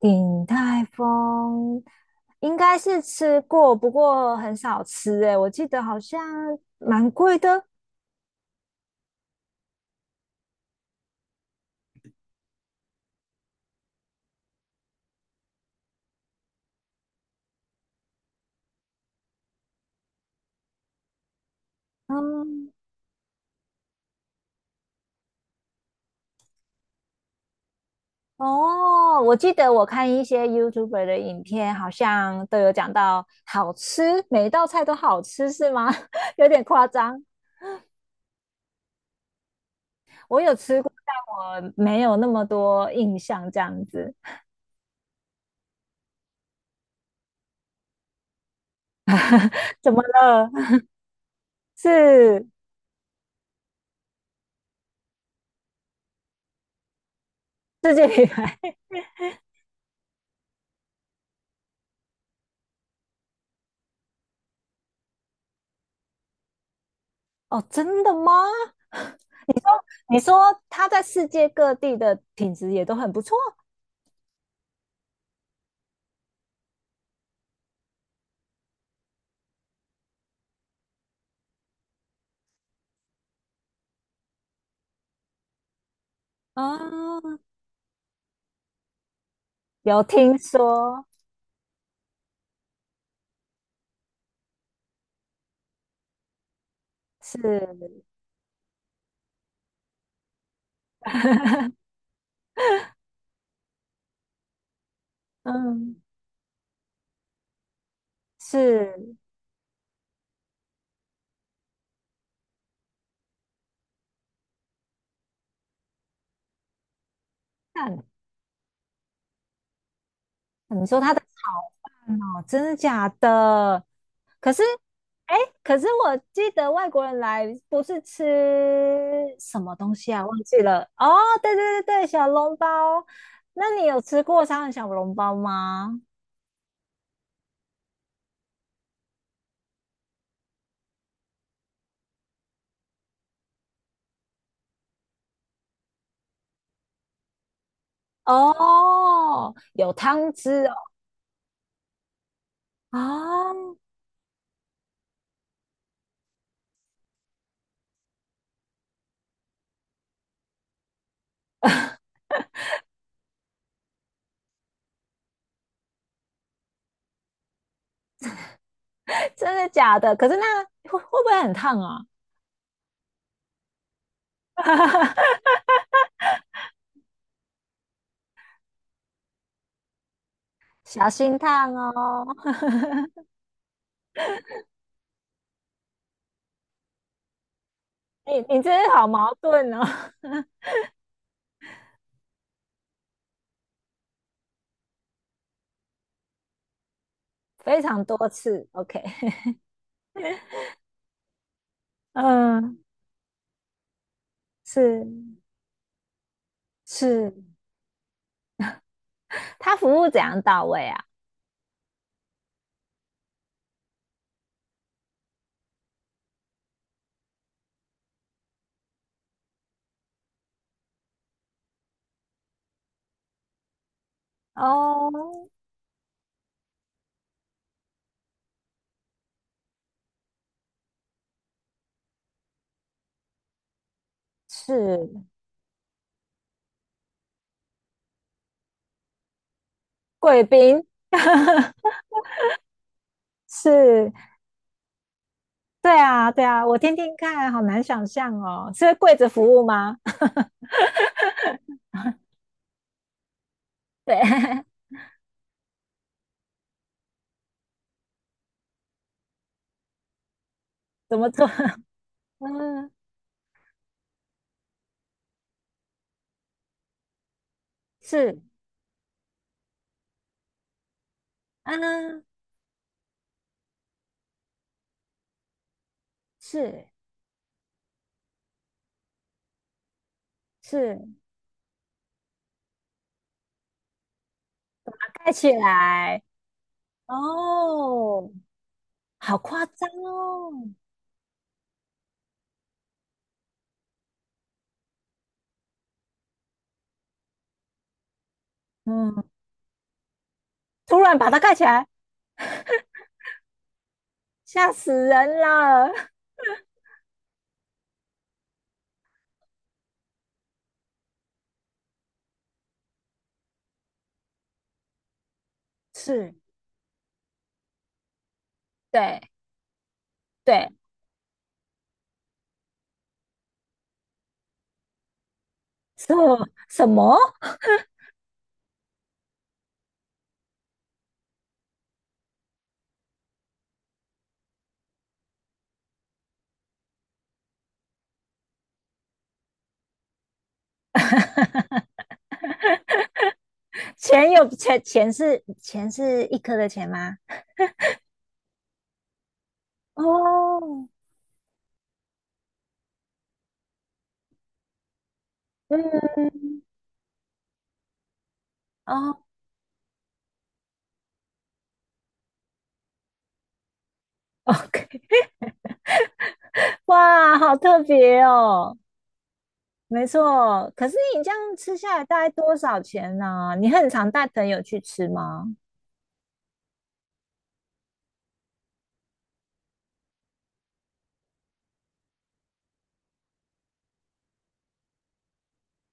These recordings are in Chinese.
鼎泰丰应该是吃过，不过很少吃诶，哎我记得好像蛮贵的。嗯，哦，我记得我看一些 YouTuber 的影片，好像都有讲到好吃，每一道菜都好吃，是吗？有点夸张。我有吃过，但我没有那么多印象，这样子。怎么了？是世界品牌？哦，真的吗？你说他在世界各地的品质也都很不错，啊，有听说是，嗯，是，但你说他的炒饭哦，真的假的？可是，哎，可是我记得外国人来不是吃什么东西啊？忘记了。哦，对对对对，小笼包。那你有吃过沙县小笼包吗？哦，有汤汁哦。啊，真的假的？可是那会不会很烫啊？小心烫哦！你真的好矛盾哦，非常多次。OK，嗯，是是，他服务怎样到位啊？哦，是贵宾，是，对啊对啊，我听听看，好难想象哦，是跪着服务吗？对，怎么做？嗯，是，嗯，是是。戴起来，哦，好夸张哦，嗯，突然把它盖起来，吓死人了。是，对对，什什么？钱有钱钱是钱是一颗的钱吗？哦，嗯，哦，OK，哇，好特别哦，没错。可是你这样吃下来大概多少钱呢、你很常带朋友去吃吗？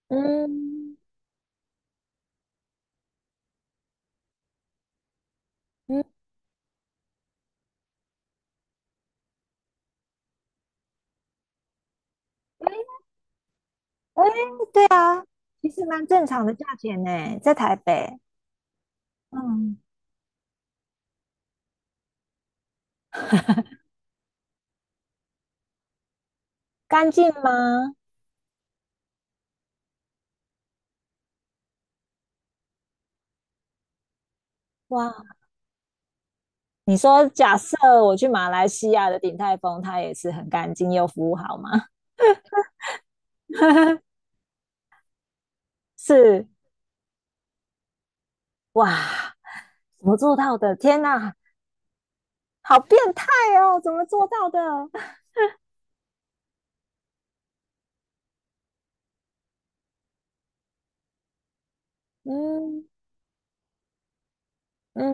嗯，嗯，哎哎，对啊，其实蛮正常的价钱呢，在台北。嗯，干净吗？哇，你说假设我去马来西亚的鼎泰丰，它也是很干净又服务好吗？是，哇，怎么做到的？天哪，好变态哦！怎么做到的？嗯嗯，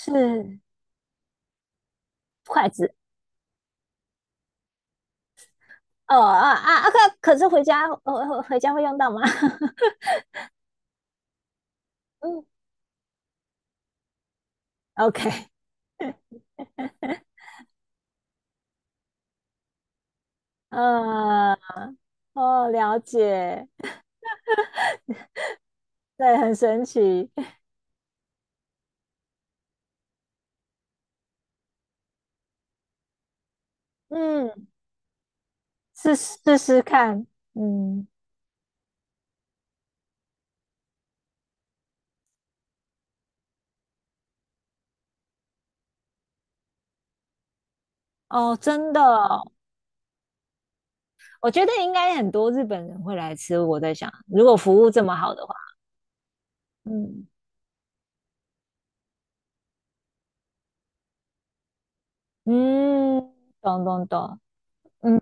是筷子。哦啊啊啊！可是回家，回家会用到吗？嗯，OK，呃，哦，了解，对，很神奇，嗯，试试试看，嗯，哦，真的哦。我觉得应该很多日本人会来吃。我在想，如果服务这么好的话，嗯嗯，懂懂懂，嗯，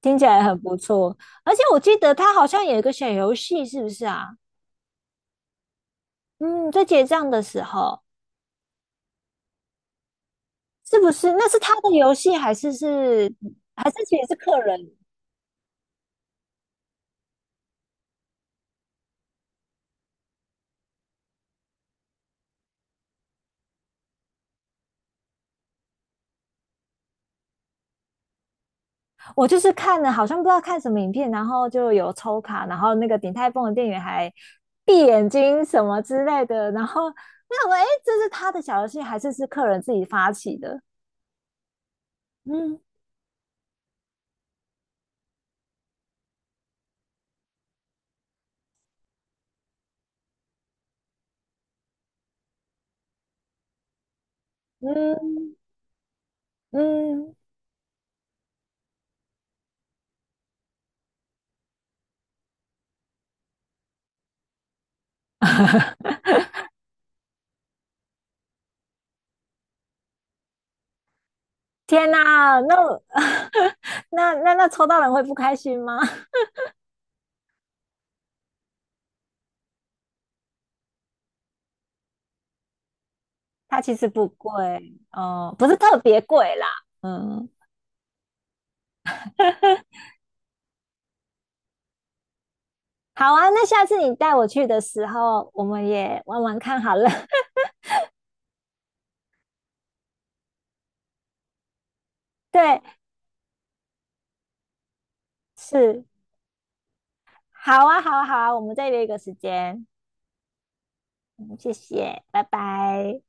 听起来很不错。而且我记得他好像有一个小游戏，是不是啊？嗯，在结账的时候，是不是？那是他的游戏，还是还是其实是客人？我就是看了，好像不知道看什么影片，然后就有抽卡，然后那个鼎泰丰的店员还闭眼睛什么之类的，然后那我哎，诶这是他的小游戏，还是是客人自己发起的？嗯嗯嗯，天哪，那我 那抽到人会不开心吗？它其实不贵哦，不是特别贵啦。嗯，好啊，那下次你带我去的时候，我们也玩玩看好了。对，是。好啊，好啊，好啊，我们再约一个时间。嗯，谢谢，拜拜。